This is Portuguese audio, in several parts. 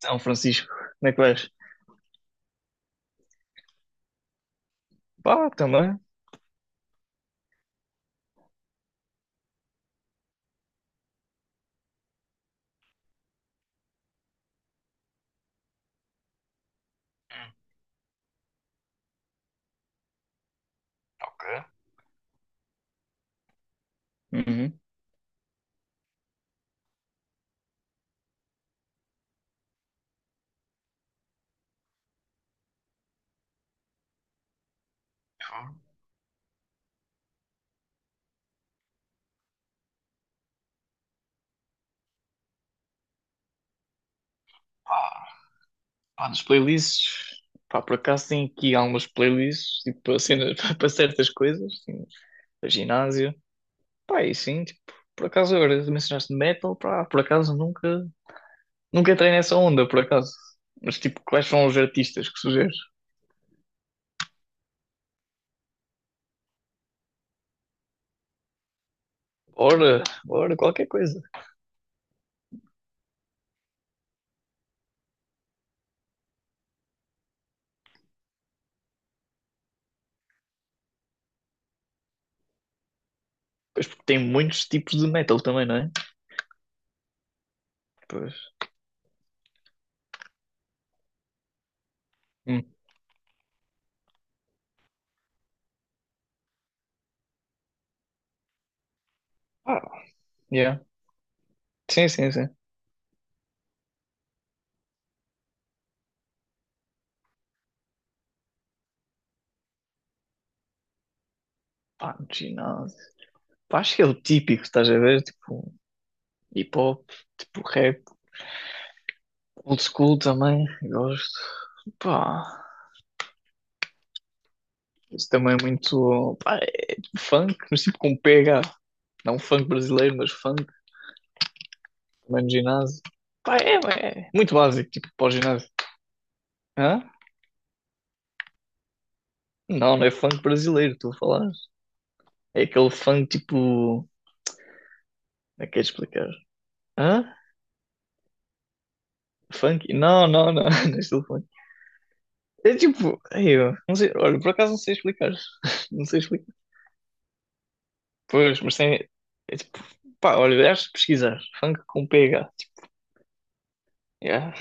São Francisco, como é que vais? Pá, também. Ok. Uhum. Pá, Pá, nas playlists. Pá, por acaso tem aqui algumas playlists, tipo, para para certas coisas, assim, para ginásio. Pá, e sim, tipo, por acaso agora mencionaste metal, pá, por acaso nunca entrei nessa onda, por acaso. Mas tipo, quais são os artistas que sugeres? Ora, ora, qualquer coisa. Pois porque tem muitos tipos de metal também, não é? Pois. Hum. Ah, yeah. Sim, sim, sim. Pá, no ginásio. Pá, acho que é o típico, estás a ver? Tipo, hip hop, tipo rap, old school também, gosto. Pá, isso também é muito. Pá, é tipo funk, mas tipo com PH. Não funk brasileiro, mas funk, também no ginásio. Pá, é muito básico, tipo para o ginásio. Hã? Não, não é funk brasileiro, tu a falar. É aquele funk tipo. Como é que é de explicar? Hã? Funk? Não, não, não, não é estilo funk. É tipo. Ei, eu não sei, olha, por acaso não sei explicar. Não sei explicar. Pois, mas tem. É tipo, pá, olha, acho que pesquisar. Funk com PH. Yeah.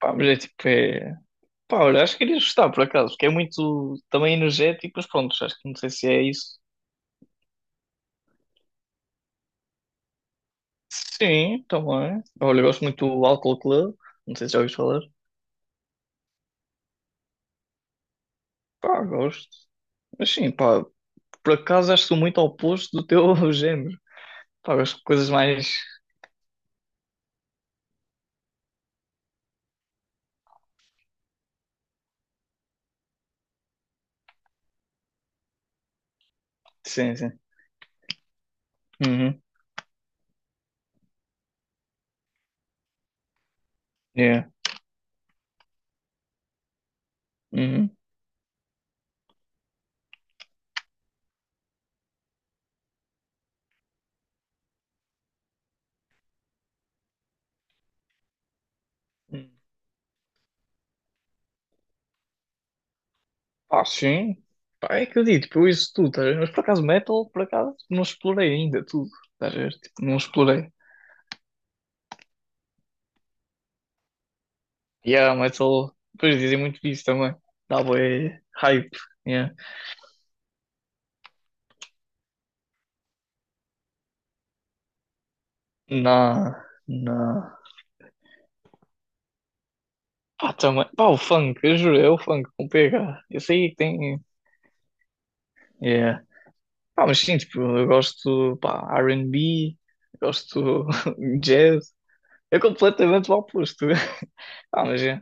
Pá, mas é tipo, é. Pá, olha, acho que iria gostar por acaso, porque é muito também energético, mas pronto, acho que não sei se é isso. Sim, também. Olha, eu gosto muito do Álcool Club, não sei se já ouviste falar. Pá, gosto. Mas sim, pá, por acaso acho que sou muito ao oposto do teu género. Pá, gosto de coisas mais. Sim, sim. Uhum. Yeah. Uhum. Ah, sim. Pá, é que eu digo, tipo, eu isso tudo, tá a ver? Mas por acaso metal, por acaso, não explorei ainda tudo, tá a ver? Tipo, não explorei. Yeah, metal, depois dizem muito disso também. Dá bué hype, yeah. Na, na... Pá, também, pá, o funk, eu juro, é o funk com PH. Eu sei que tem, yeah. Pá, mas sim, tipo, eu gosto, pá, R&B, gosto jazz. É completamente o oposto. Ah, mas é,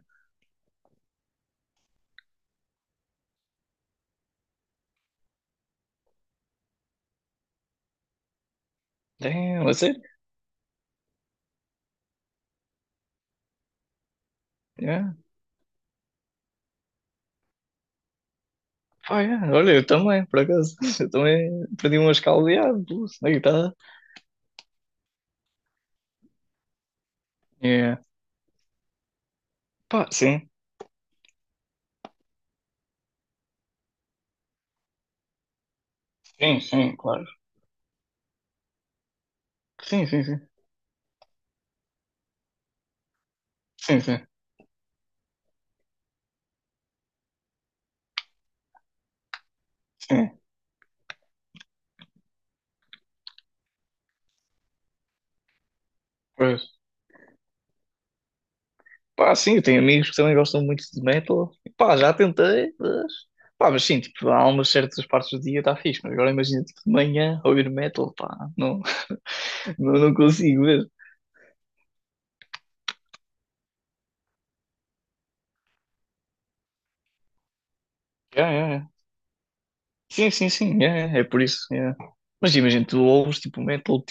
é, a sério, Pá, é. Olha, eu também, por acaso. Eu também aprendi umas caldeadas na guitarra. É. Pá, sim. Sim, sim, claro. Sim, sim, sim. Sim, sim, sim. Pois. Pá, sim, eu tenho amigos que também gostam muito de metal. E, pá, já tentei, mas... Pá, mas sim, tipo, há umas certas partes do dia está fixe, mas agora imagina, tipo, de manhã ouvir metal, pá, não, não, não consigo mesmo. Yeah, yeah, yeah. Sim, sim, sim, yeah, yeah, é por isso. Yeah. Mas imagina, tu ouves tipo metal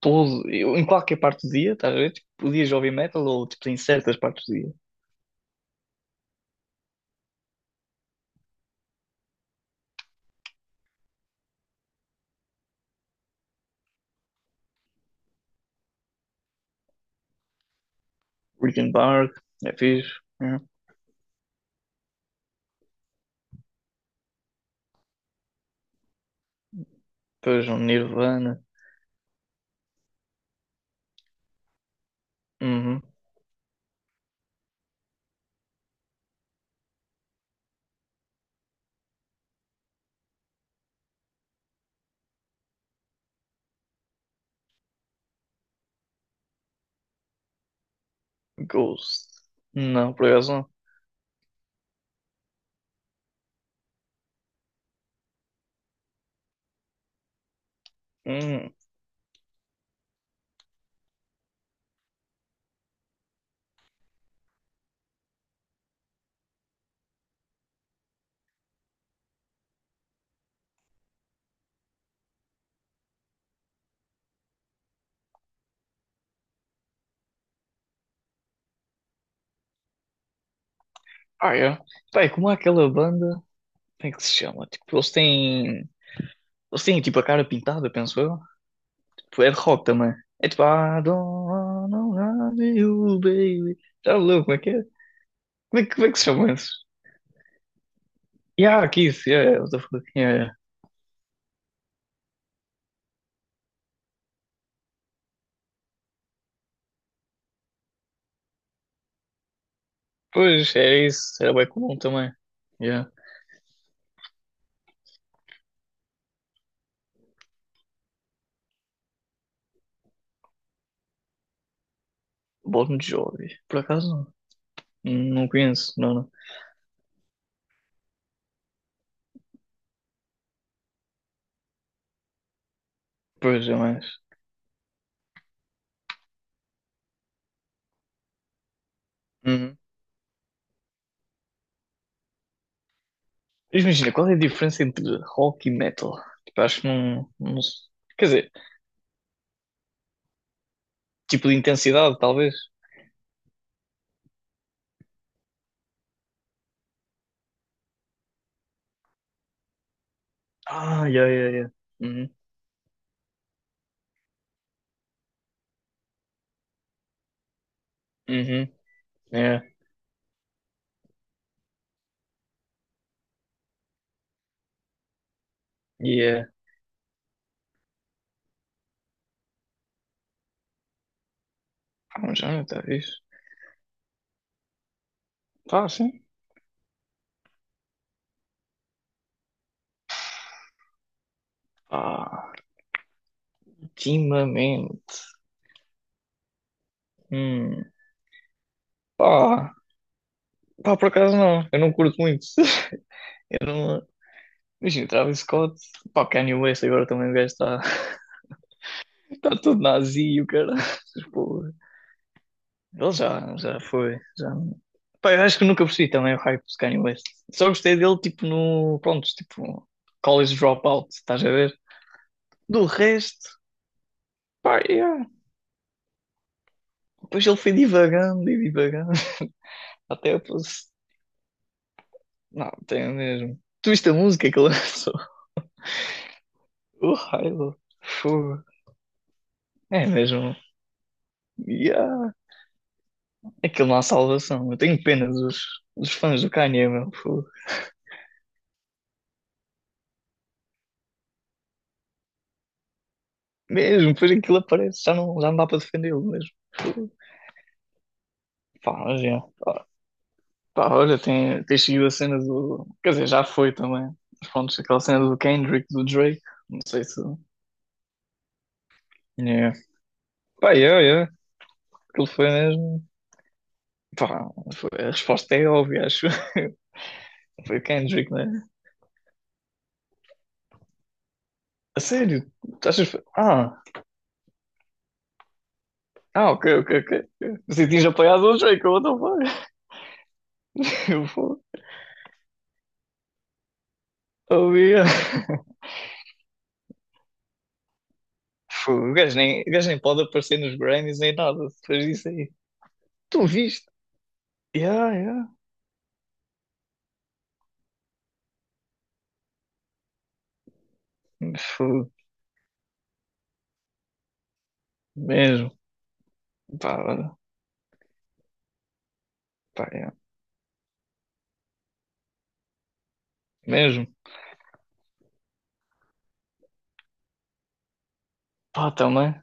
todo, eu, em qualquer parte do dia, estás a ver? Tipo, podias ouvir metal ou tipo, em certas partes do dia. Linkin Park, é fixe. É. Depois um Nirvana, uhum. Ghost. Não, por acaso não. Hum. Ah, é. Pá, é como aquela banda, como é que se chama? Tipo, eles têm tipo a cara pintada, penso eu. Tipo, é de rock também. É tipo, I don't wanna love you, baby. Já leu como é que é? Como é que se chama isso? Yeah, Kiss, yeah, yeah, what the fuck, yeah, yeah. Pois, é isso. Era bem comum também. Yeah. Bon Jovi. Por acaso não. Não conheço, não, não. Pois, é mais. Uhum. Mas imagina, qual é a diferença entre rock e metal? Tipo, acho que não, não. Quer dizer, tipo de intensidade, talvez. Ah, yeah, yeah, yeah. Uhum. Uhum. Yeah. Yeah. Ah, um género, talvez. Tá, sim. Ah, ultimamente. Hum. Pá. Pá, por acaso não. Eu não curto muito. Eu não, Imagina, Travis Scott, pá, Kanye West agora também o gajo está está todo nazi e o cara. Porra. Ele já foi. Já... Pá, eu acho que nunca percebi também o hype do Kanye West. Só gostei dele tipo no. Pronto, tipo, College Dropout, estás a ver? Do resto, pá, yeah. Depois ele foi divagando e divagando. Até eu pus. Não, tem mesmo. Tu viste a música que ele lançou? O raio, fogo. É mesmo. Yeah. Aquilo não há salvação. Eu tenho pena dos fãs do Kanye, meu. Fogo. Mesmo, depois aquilo aparece, já não dá para defendê-lo mesmo. Fogo. Pá, mas é. Pá, olha, tem seguido a cena do. Quer dizer, já foi também. Mas pronto, aquela cena do Kendrick, do Drake. Não sei se. É. Pá, é. Aquilo foi mesmo. Pá, a resposta é óbvia, acho. Foi o Kendrick, né? A sério? Tu achas. Ah, ok, ok, ok. Você tinha apoiado o Drake, what the fuck? Eu vou. Oh, yeah. Fogo, o gajo nem pode aparecer nos Grammys nem nada depois disso aí. Tu viste? Yeah, yeah. Fogo. Mesmo. Pá, olha. Pá, yeah. Mesmo. Pá, também.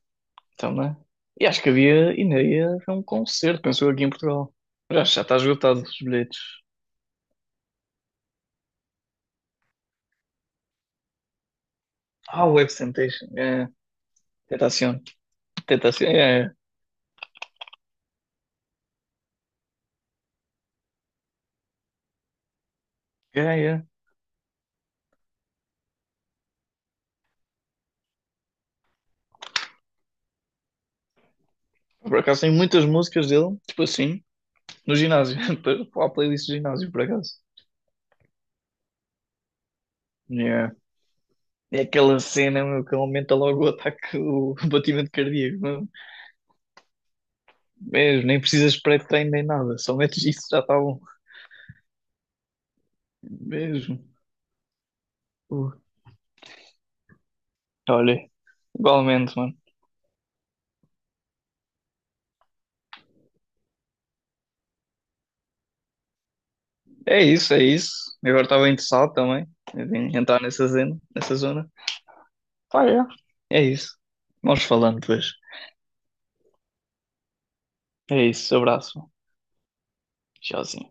Também. E acho que havia, ainda ia haver um concerto, pensou aqui em Portugal. Mas acho que já está esgotado os bilhetes. Ah, o Web Temptation. É. Tentação. Tentação. É. É. Por acaso tem muitas músicas dele, tipo assim, no ginásio. Para a playlist do ginásio, por acaso. é É aquela cena, meu, que aumenta logo o ataque, o batimento cardíaco, meu. Mesmo, nem precisas de pré-treino nem nada, só metes isso, já está bom. Mesmo. Uh, olha, igualmente, mano. É isso, é isso. Eu agora estava interessado também em entrar nessa zona, nessa zona. Pá, é. É isso. Vamos falando depois. É isso, abraço. Tchauzinho.